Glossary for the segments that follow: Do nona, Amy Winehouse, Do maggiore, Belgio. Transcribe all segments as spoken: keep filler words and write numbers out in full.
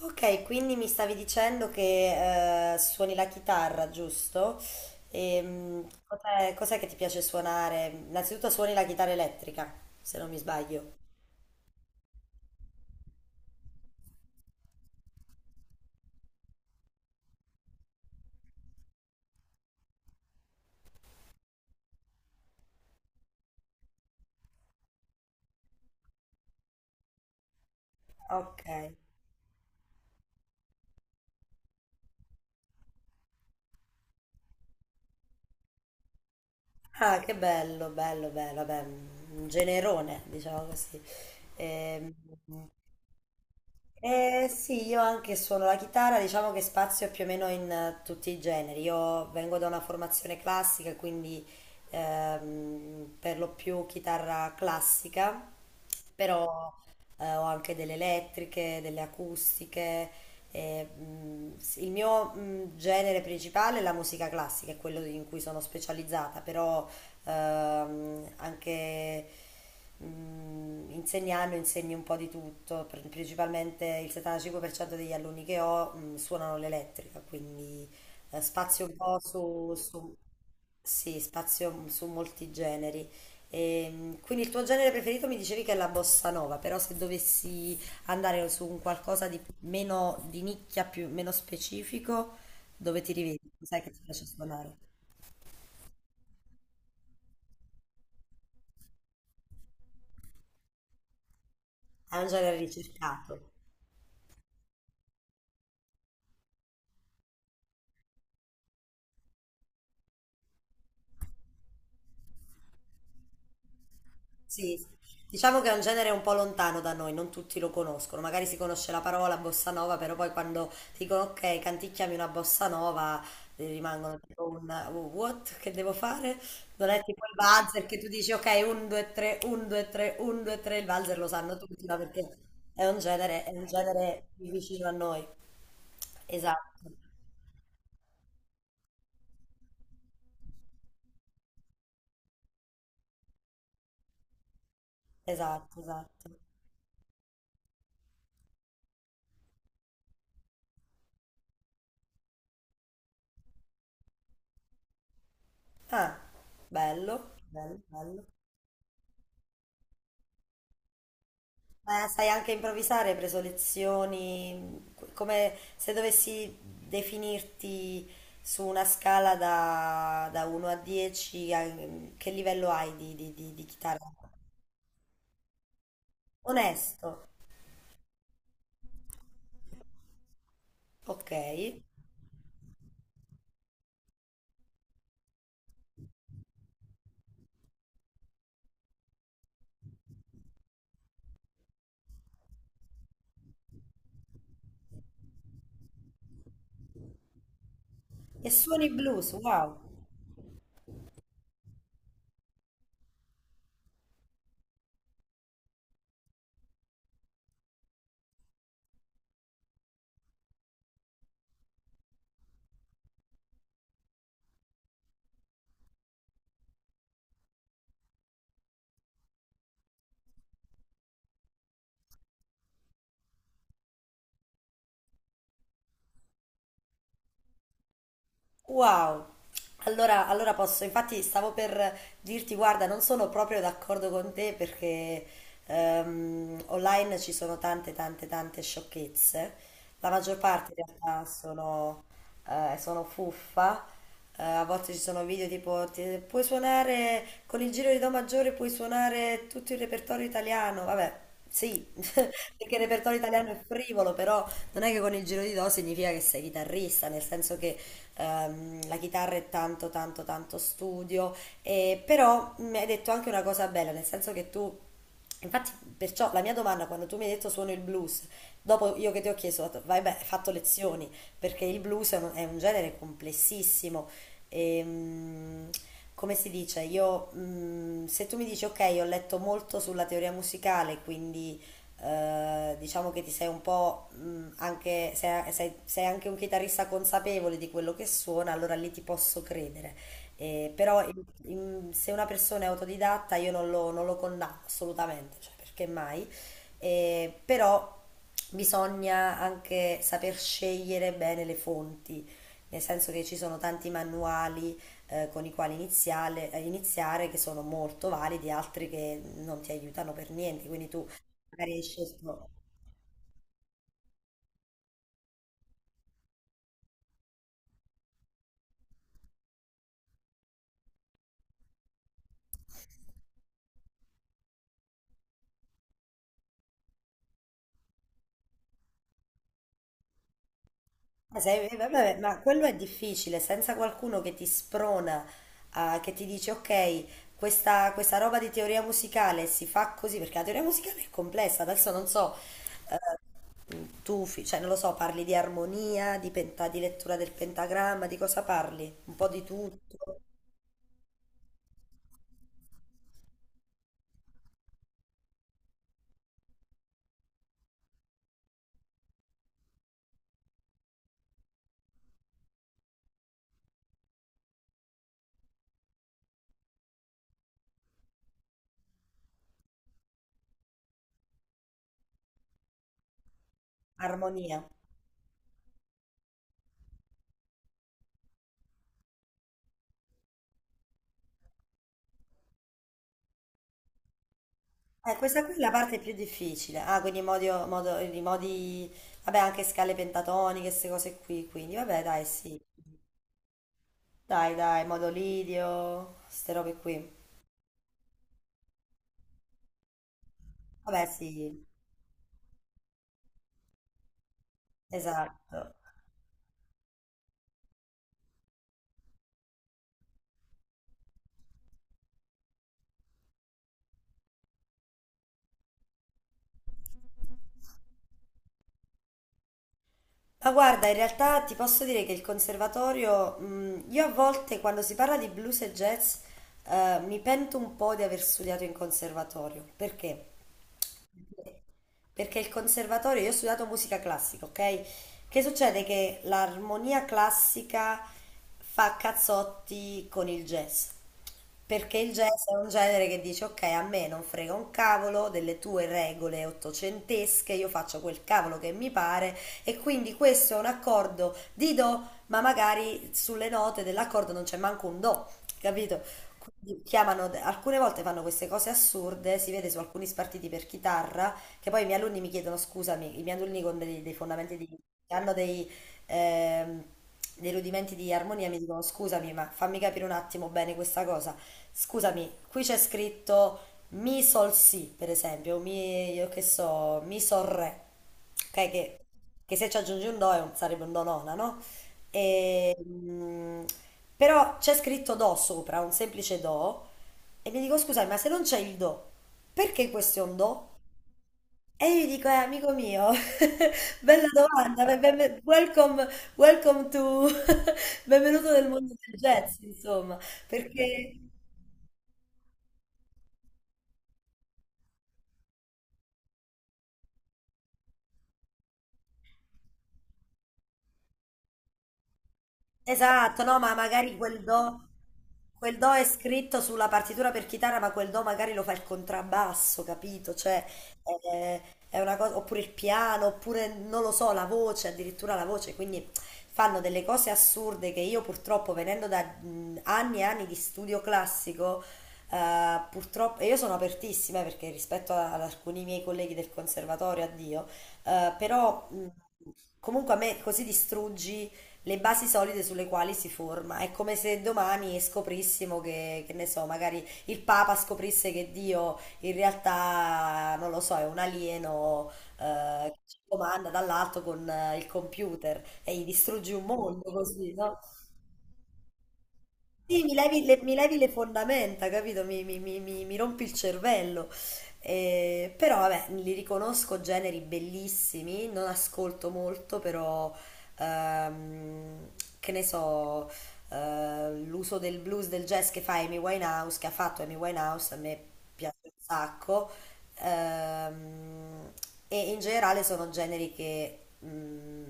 Ok, quindi mi stavi dicendo che eh, suoni la chitarra, giusto? Ehm, cos'è, cos'è che ti piace suonare? Innanzitutto suoni la chitarra elettrica, se non mi sbaglio. Ok. Ah, che bello, bello, bello, vabbè, un generone, diciamo così. Ehm, Eh, sì, io anche suono la chitarra, diciamo che spazio più o meno in eh, tutti i generi. Io vengo da una formazione classica, quindi ehm, per lo più chitarra classica, però eh, ho anche delle elettriche, delle acustiche. E, mm, sì, il mio mm, genere principale è la musica classica, è quello in cui sono specializzata. Però Ehm, anche mm, insegnando insegni un po' di tutto. Pr- principalmente il settantacinque per cento degli alunni che ho mm, suonano l'elettrica, quindi eh, spazio un po' su, su- sì, spazio mm, su molti generi. Ehm, quindi il tuo genere preferito, mi dicevi, che è la bossa nova, però se dovessi andare su un qualcosa di meno di nicchia, più, meno specifico, dove ti rivedi? Cos'è che ti piace suonare? È un genere ricercato. Sì, diciamo che è un genere un po' lontano da noi, non tutti lo conoscono, magari si conosce la parola bossa nova, però poi quando dicono ok, canticchiami una bossa nova, eh, rimangono tipo un "Oh, what che devo fare? Non è tipo il valzer che tu dici ok, uno, due, tre, uno, due, tre, uno, due, tre, il valzer lo sanno tutti, ma perché è un genere, è un genere più vicino a noi. Esatto, esatto, esatto. Ah, bello, bello, bello. Ma sai anche improvvisare, hai preso lezioni, qu- come se dovessi definirti su una scala da, da uno a dieci, a- che livello hai di, di, di, di chitarra? Onesto, ok. E suoni blues, wow. Wow! Allora, allora posso, infatti stavo per dirti, guarda, non sono proprio d'accordo con te perché ehm, online ci sono tante, tante, tante sciocchezze. La maggior parte in realtà sono, eh, sono fuffa, eh, a volte ci sono video tipo ti- puoi suonare con il giro di Do maggiore, puoi suonare tutto il repertorio italiano. Vabbè, sì, perché il repertorio italiano è frivolo, però non è che con il giro di Do significa che sei chitarrista, nel senso che ehm, la chitarra è tanto, tanto, tanto studio. E però mi hai detto anche una cosa bella, nel senso che tu. Infatti, perciò la mia domanda, quando tu mi hai detto suono il blues, dopo io che ti ho chiesto, ho detto, vai beh, hai fatto lezioni, perché il blues è un, è un genere complessissimo. E, mm, Come si dice, io mm, se tu mi dici ok, ho letto molto sulla teoria musicale, quindi eh, diciamo che ti sei un po' mm, anche, sei, sei- sei anche un chitarrista consapevole di quello che suona, allora lì ti posso credere. Eh, però in- in- se una persona è autodidatta io non lo, non lo condanno assolutamente, cioè perché mai? Eh, però bisogna anche saper scegliere bene le fonti, nel senso che ci sono tanti manuali eh, con i quali iniziale- eh, iniziare che sono molto validi, altri che non ti aiutano per niente, quindi tu magari hai scelto... Ma sai, eh, vabbè, ma quello è difficile, senza qualcuno che ti sprona, a- che ti dice ok, questa, questa roba di teoria musicale si fa così, perché la teoria musicale è complessa, adesso non so, eh, tu, fi- cioè non lo so, parli di armonia, di, penta- di lettura del pentagramma, di cosa parli? Un po' di tutto, armonia. Eh, questa qui è la parte più difficile. Ah, quindi modi, modi, modi, vabbè, anche scale pentatoniche, queste cose qui, quindi vabbè, dai, sì. Dai, dai, modo lidio, queste robe qui. Vabbè, sì, esatto. Ma guarda, in realtà ti posso dire che il conservatorio, mh, io a volte quando si parla di blues e jazz, eh, mi pento un po' di aver studiato in conservatorio. Perché? Perché il conservatorio, io ho studiato musica classica, ok? Che succede che l'armonia classica fa cazzotti con il jazz. Perché il jazz è un genere che dice, ok, a me non frega un cavolo delle tue regole ottocentesche, io faccio quel cavolo che mi pare e quindi questo è un accordo di do, ma magari sulle note dell'accordo non c'è manco un do, capito? Quindi chiamano, alcune volte fanno queste cose assurde, si vede su alcuni spartiti per chitarra, che poi i miei alunni mi chiedono, scusami, i miei alunni con dei, dei fondamenti di... che hanno dei... ehm, dei rudimenti di armonia mi dicono scusami, ma fammi capire un attimo bene questa cosa. Scusami, qui c'è scritto mi sol si, per esempio, mi, io che so, mi sol re, ok? Che, che se ci aggiungi un do è un- sarebbe un do nona, no? E, mm, Però c'è scritto do sopra, un semplice do, e mi dico scusami, ma se non c'è il do, perché questo è un do? E io gli dico, eh, amico mio, bella domanda, ben- ben- welcome, welcome to, benvenuto nel mondo del jazz, insomma, perché... Esatto, no, ma magari quel do, quel do è scritto sulla partitura per chitarra, ma quel do magari lo fa il contrabbasso, capito? Cioè, eh, è una cosa, oppure il piano, oppure non lo so, la voce, addirittura la voce, quindi fanno delle cose assurde che io purtroppo venendo da mh, anni e anni di studio classico, eh, purtroppo, e io sono apertissima eh, perché rispetto a- ad alcuni miei colleghi del conservatorio, addio, eh, però mh, comunque a me così distruggi le basi solide sulle quali si forma. È come se domani scoprissimo che, che ne so, magari il Papa scoprisse che Dio in realtà, non lo so, è un alieno eh, che ci comanda dall'alto con eh, il computer e gli distruggi un mondo così, no? Sì, mi levi le, mi levi le fondamenta, capito? Mi, mi- mi- mi- mi rompi il cervello. Eh, però vabbè, li riconosco generi bellissimi, non ascolto molto, però ehm, che ne so, eh, l'uso del blues, del jazz che fa Amy Winehouse, che ha fatto Amy Winehouse, a me piace un sacco. Ehm, e in generale sono generi che mm,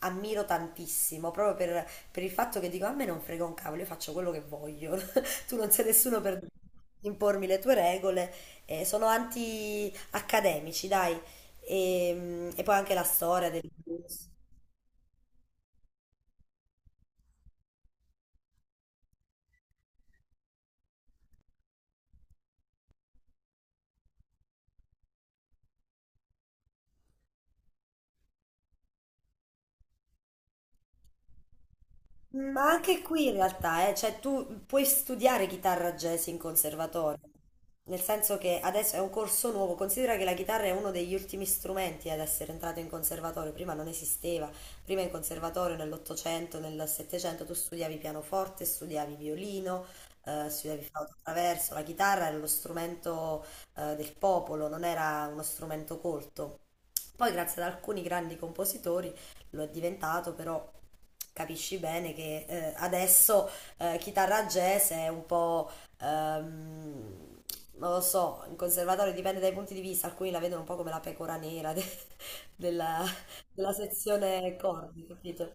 ammiro tantissimo, proprio per per il fatto che dico a me non frega un cavolo, io faccio quello che voglio, tu non sei nessuno per impormi le tue regole, eh, sono anti-accademici, dai, e, mm, e poi anche la storia del blues. Ma anche qui in realtà, eh, cioè tu puoi studiare chitarra jazz in conservatorio. Nel senso che adesso è un corso nuovo, considera che la chitarra è uno degli ultimi strumenti ad essere entrato in conservatorio, prima non esisteva, prima in conservatorio nell'Ottocento, nel Settecento tu studiavi pianoforte, studiavi violino, eh, studiavi flauto traverso, la chitarra era lo strumento eh, del popolo, non era uno strumento colto. Poi grazie ad alcuni grandi compositori lo è diventato, però capisci bene che eh, adesso eh, chitarra jazz è un po' Ehm, non lo so, in conservatorio dipende dai punti di vista, alcuni la vedono un po' come la pecora nera de- della, della sezione corvi, capito?